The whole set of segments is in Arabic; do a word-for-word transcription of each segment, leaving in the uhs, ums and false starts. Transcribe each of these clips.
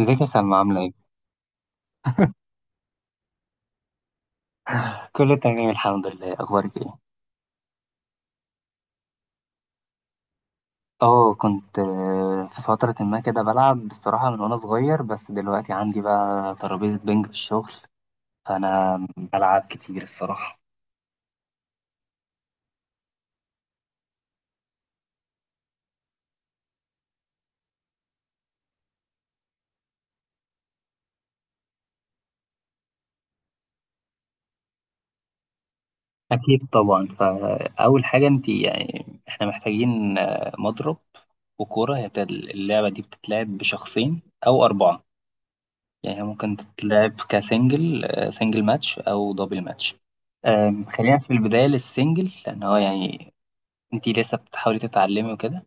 ازيك يا سلمى، عاملة ايه؟ كله تمام الحمد لله، اخبارك ايه؟ اه، كنت آه، في فترة ما كده بلعب بصراحة من وانا صغير، بس دلوقتي عندي بقى ترابيزة بنج في الشغل. فانا بلعب كتير الصراحة. اكيد طبعا، فاول حاجة انت يعني احنا محتاجين آه، مضرب وكورة. هي بتد- اللعبة دي بتتلعب بشخصين او اربعة، يعني هي ممكن تتلعب كسنجل، آه، سنجل ماتش او دبل ماتش. آم، خلينا في البداية للسنجل، لأن هو يعني انتي لسه بتحاولي تتعلمي وكده.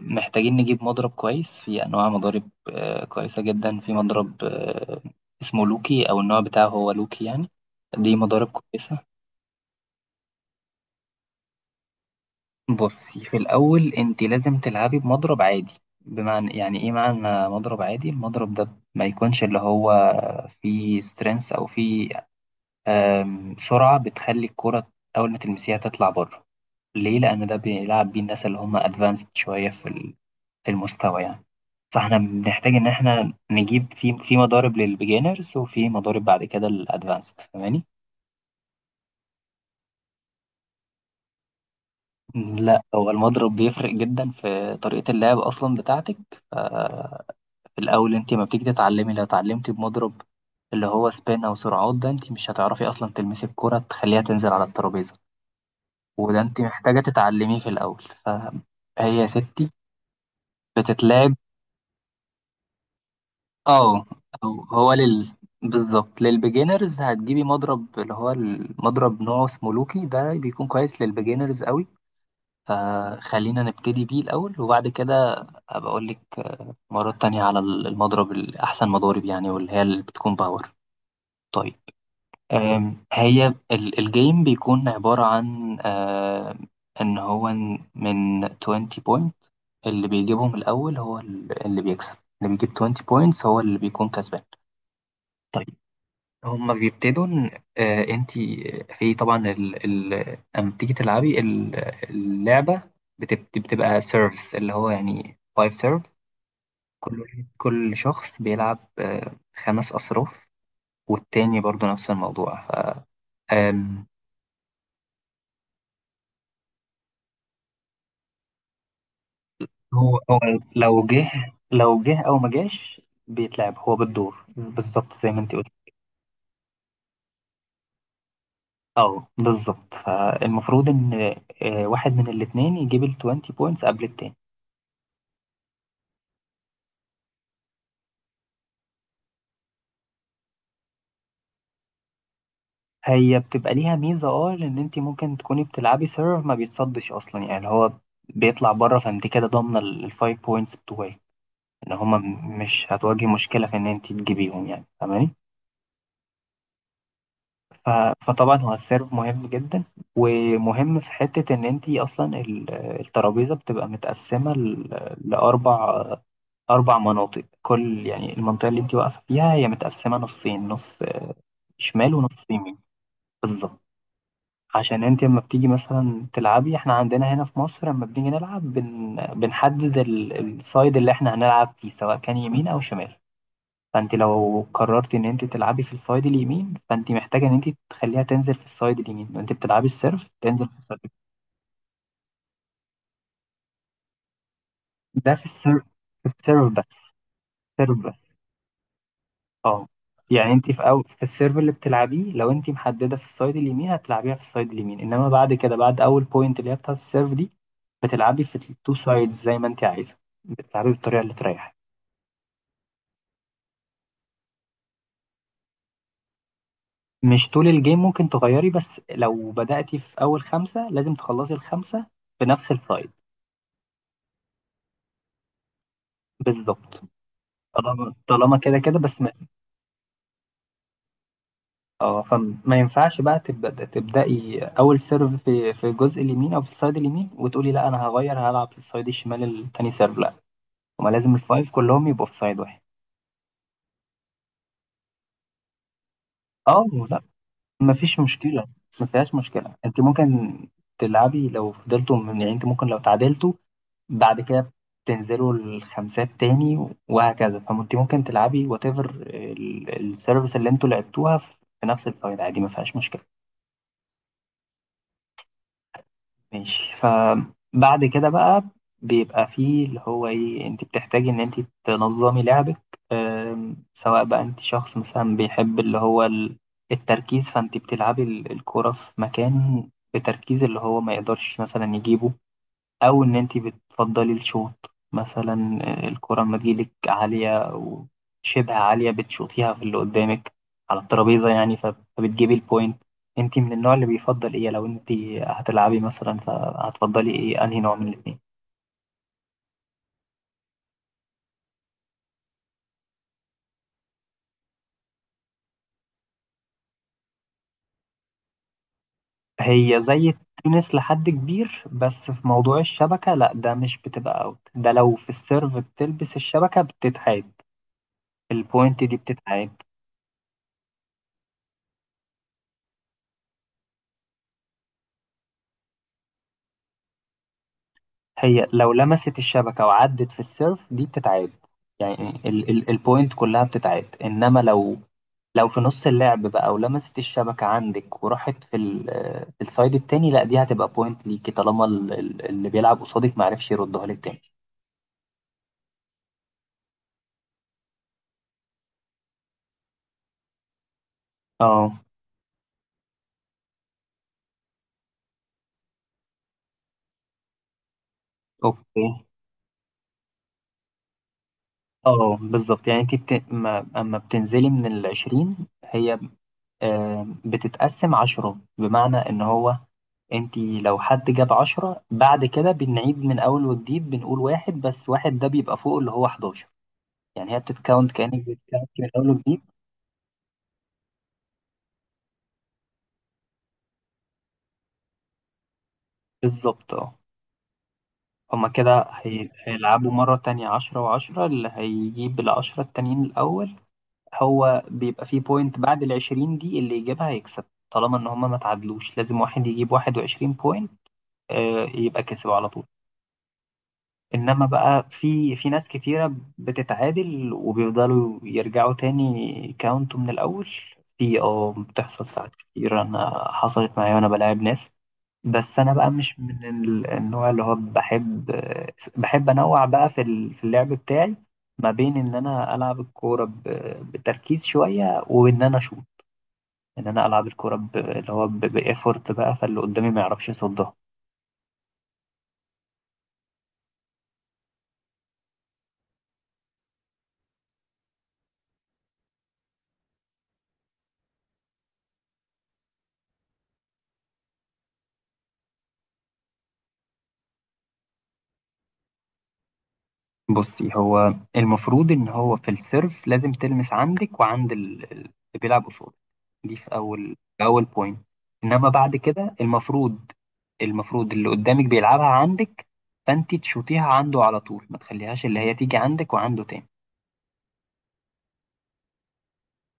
محتاجين نجيب مضرب كويس. في انواع مضارب آه، كويسه جدا، في مضرب آه، اسمه لوكي، او النوع بتاعه هو لوكي يعني. دي مضارب كويسه. بصي، في الاول انتي لازم تلعبي بمضرب عادي. بمعنى، يعني ايه معنى مضرب عادي؟ المضرب ده ما يكونش اللي هو فيه سترينث، او فيه آم، سرعه بتخلي الكره اول ما تلمسيها تطلع بره. ليه؟ لان ده بيلعب بيه الناس اللي هم ادفانسد شويه في ال- في المستوى يعني. فاحنا بنحتاج ان احنا نجيب في في مضارب للبيجينرز، وفي مضارب بعد كده للادفانسد، فاهماني؟ لا، هو المضرب بيفرق جدا في طريقة اللعب اصلا بتاعتك. ف- في الاول انت ما بتيجي تتعلمي، لو اتعلمتي بمضرب اللي هو سبين او سرعات، ده انت مش هتعرفي اصلا تلمسي الكرة تخليها تنزل على الترابيزة. وده انت محتاجة تتعلميه في الاول. فهي يا ستي بتتلعب. اه. أو هو لل بالظبط للبيجينرز هتجيبي مضرب اللي هو المضرب نوعه اسمه لوكي، ده بيكون كويس للبيجينرز قوي. فخلينا نبتدي بيه الأول، وبعد كده هبقى أقول لك آه، مرات تانية على المضرب الأحسن مضارب يعني، واللي هي اللي بتكون باور. طيب، أم، هي ال- الجيم بيكون عبارة عن أم، إن هو من عشرين بوينت، اللي بيجيبهم الأول هو اللي بيكسب. اللي بيجيب عشرين بوينتس هو اللي بيكون كسبان. طيب، هما بيبتدوا إن- آه انت في طبعا ال... ال... لما بتيجي تلعبي ال- اللعبه بتبت... بتبقى سيرفز اللي هو يعني فايف سيرف. كل كل شخص بيلعب آه خمس اصراف، والتاني برضو نفس الموضوع. ف... آم، هو هو لو جه لو جه او ما جاش، بيتلعب هو بالدور بالظبط زي ما انت قلت. اه بالظبط، فالمفروض ان آه، واحد من الاتنين يجيب ال عشرين بوينتس قبل التاني. هي بتبقى ليها ميزة اه، لأن انت ممكن تكوني بتلعبي سيرف ما بيتصدش أصلا، يعني هو بيطلع بره، فانت كده ضامنة الفايف بوينتس بتوعك، إن هما م- مش هتواجهي مشكلة في إن انت تجيبيهم، يعني فاهماني. ف- فطبعا هو السيرف مهم جدا، ومهم في حتة إن انت أصلا ال- الترابيزة بتبقى متقسمة ل- لأربع أربع مناطق. كل يعني المنطقة اللي انت واقفة فيها هي متقسمة نصين، نص آه، شمال ونص يمين. بالظبط. عشان انت لما بتيجي مثلا تلعبي، احنا عندنا هنا في مصر لما بنيجي نلعب بن... بنحدد ال- السايد اللي احنا هنلعب فيه، سواء كان يمين او شمال. فانت لو قررت ان انت تلعبي في السايد اليمين، فانت محتاجه ان انت تخليها تنزل في السايد اليمين. انت بتلعبي السيرف تنزل في السايد. ده في السيرف. في السيرف بس. السيرف بس. اه، يعني انت في أول، في السيرف اللي بتلعبيه لو انت محدده في السايد اليمين هتلعبيها في السايد اليمين، انما بعد كده بعد اول بوينت اللي هي بتاعت السيرف دي، بتلعبي في التو سايدز زي ما انت عايزه. بتلعبي بالطريقه اللي تريحك. مش طول الجيم، ممكن تغيري، بس لو بدأتي في اول خمسه لازم تخلصي الخمسه في نفس السايد. بالظبط. طالما طالما كده كده بس ما. اه، فما ينفعش بقى تبدأ تبدأي اول سيرف في في الجزء اليمين او في السايد اليمين وتقولي لا انا هغير هلعب في السايد الشمال التاني سيرف، لا. هما لازم الفايف كلهم يبقوا في سايد واحد. اه، لا، مفيش مشكلة. ما فيهاش مشكلة. انت ممكن تلعبي لو فضلتوا من، يعني انت ممكن لو تعادلتوا بعد كده تنزلوا الخمسات تاني وهكذا. فانت ممكن تلعبي وات ايفر السيرفيس اللي انتوا لعبتوها في نفس السايد عادي، ما فيهاش مشكلة. ماشي. فبعد كده بقى بيبقى فيه اللي هو ايه، انت بتحتاجي ان انت تنظمي لعبك. أم، سواء بقى انت شخص مثلا بيحب اللي هو ال- التركيز، فانت بتلعبي ال- الكرة في مكان بتركيز اللي هو ما يقدرش مثلا يجيبه، او ان انت بتفضلي الشوط، مثلا آه، الكرة لما تجيلك عالية او شبه عالية بتشوطيها في اللي قدامك على الترابيزة يعني، فب- فبتجيبي البوينت. انت من النوع اللي بيفضل ايه، لو انت هتلعبي مثلا فهتفضلي ايه، انهي نوع من الاتنين؟ هي زي التنس لحد كبير، بس في موضوع الشبكة لا، ده مش بتبقى اوت، ده لو في السيرف بتلبس الشبكة بتتعاد. البوينت دي بتتعاد. هي لو لمست الشبكة وعدت في السيرف دي بتتعاد، يعني ال ال البوينت كلها بتتعاد. انما لو، لو في نص اللعب بقى ولمست الشبكة عندك وراحت في ال في السايد التاني، لا، دي هتبقى بوينت ليكي طالما ال- ال- اللي بيلعب قصادك معرفش يردها لك تاني. اه اوكي. اه بالظبط، يعني انت بت... ما... اما بتنزلي من العشرين، هي آه بتتقسم عشرة، بمعنى ان هو انتي لو حد جاب عشرة بعد كده بنعيد من اول وجديد، بنقول واحد، بس واحد ده بيبقى فوق اللي هو حداشر. يعني هي بتتكاونت كأنك بتتكاونت من اول وجديد. بالظبط. اه، هما كده هي- هيلعبوا مرة تانية عشرة وعشرة، اللي هيجيب العشرة التانيين الأول. هو بيبقى فيه بوينت بعد العشرين دي، اللي يجيبها هيكسب، طالما إن هما ما تعادلوش. لازم واحد يجيب واحد وعشرين بوينت آه، يبقى كسب على طول. انما بقى في في ناس كتيرة بتتعادل وبيفضلوا يرجعوا تاني كاونت من الاول. في اه بتحصل ساعات كتير، انا حصلت معايا وانا بلاعب ناس. بس انا بقى مش من ال- النوع اللي هو بحب، بحب انوع بقى في ال- في اللعب بتاعي، ما بين ان انا العب الكورة ب- بتركيز شوية، وان انا اشوط، ان انا العب الكورة ب- اللي هو بايفورت بقى فاللي قدامي ما يعرفش يصدها. بصي، هو المفروض ان هو في السيرف لازم تلمس عندك وعند ال- ال- اللي بيلعب قصاد، دي في اول في اول بوينت. انما بعد كده المفروض، المفروض اللي قدامك بيلعبها عندك، فانت تشوطيها عنده على طول، ما تخليهاش اللي هي تيجي عندك وعنده تاني.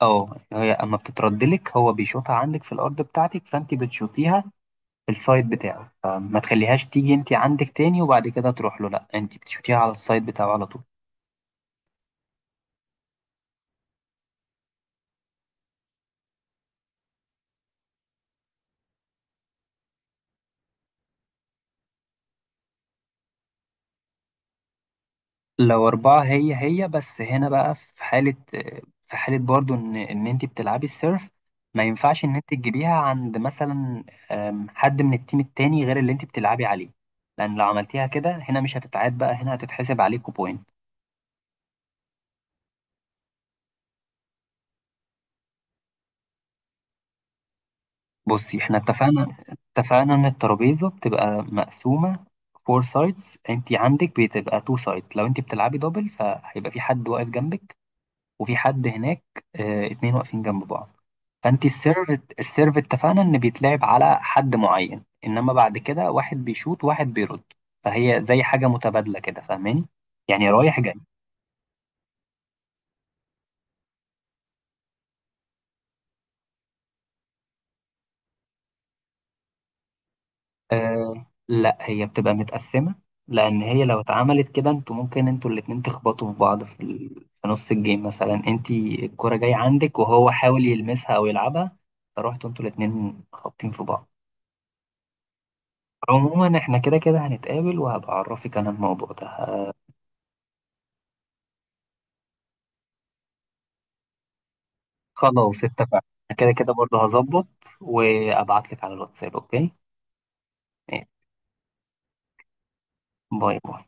اه، اللي هي اما بتتردلك هو بيشوطها عندك في الارض بتاعتك، فانت بتشوطيها في السايد بتاعه، فما تخليهاش تيجي انت عندك تاني وبعد كده تروح له، لا، انت بتشوطيها على السايد بتاعه على طول. لو أربعة، هي هي بس هنا بقى في حالة في حالة برضو إن إن أنت بتلعبي السيرف، ما ينفعش إن أنت تجيبيها عند مثلا أم، حد من التيم التاني غير اللي أنت بتلعبي عليه، لأن لو عملتيها كده هنا مش هتتعاد بقى، هنا هتتحسب عليكوا بوينت. بصي، إحنا اتفقنا. اتفقنا إن الترابيزة بتبقى مقسومة فور سايدز، أنت عندك بتبقى تو سايد. لو أنت بتلعبي دبل فهيبقى في حد واقف جنبك وفي حد هناك، اه، اتنين واقفين جنب بعض. فانت السيرف السيرف اتفقنا ان بيتلعب على حد معين، انما بعد كده واحد بيشوط واحد بيرد. فهي زي حاجه متبادله كده، فاهماني؟ يعني رايح جاي. أه لا، هي بتبقى متقسمه. لان هي لو اتعملت كده انتوا ممكن انتوا الاتنين تخبطوا في بعض في, ال... في نص الجيم مثلا انت الكره جايه عندك وهو حاول يلمسها او يلعبها، فروحتوا انتوا الاتنين خابطين في بعض. عموما احنا كده كده هنتقابل وهبعرفك انا الموضوع ده. خلاص اتفقنا. كده كده برضه هظبط، وابعت لك على الواتساب، اوكي. إيه، باي باي.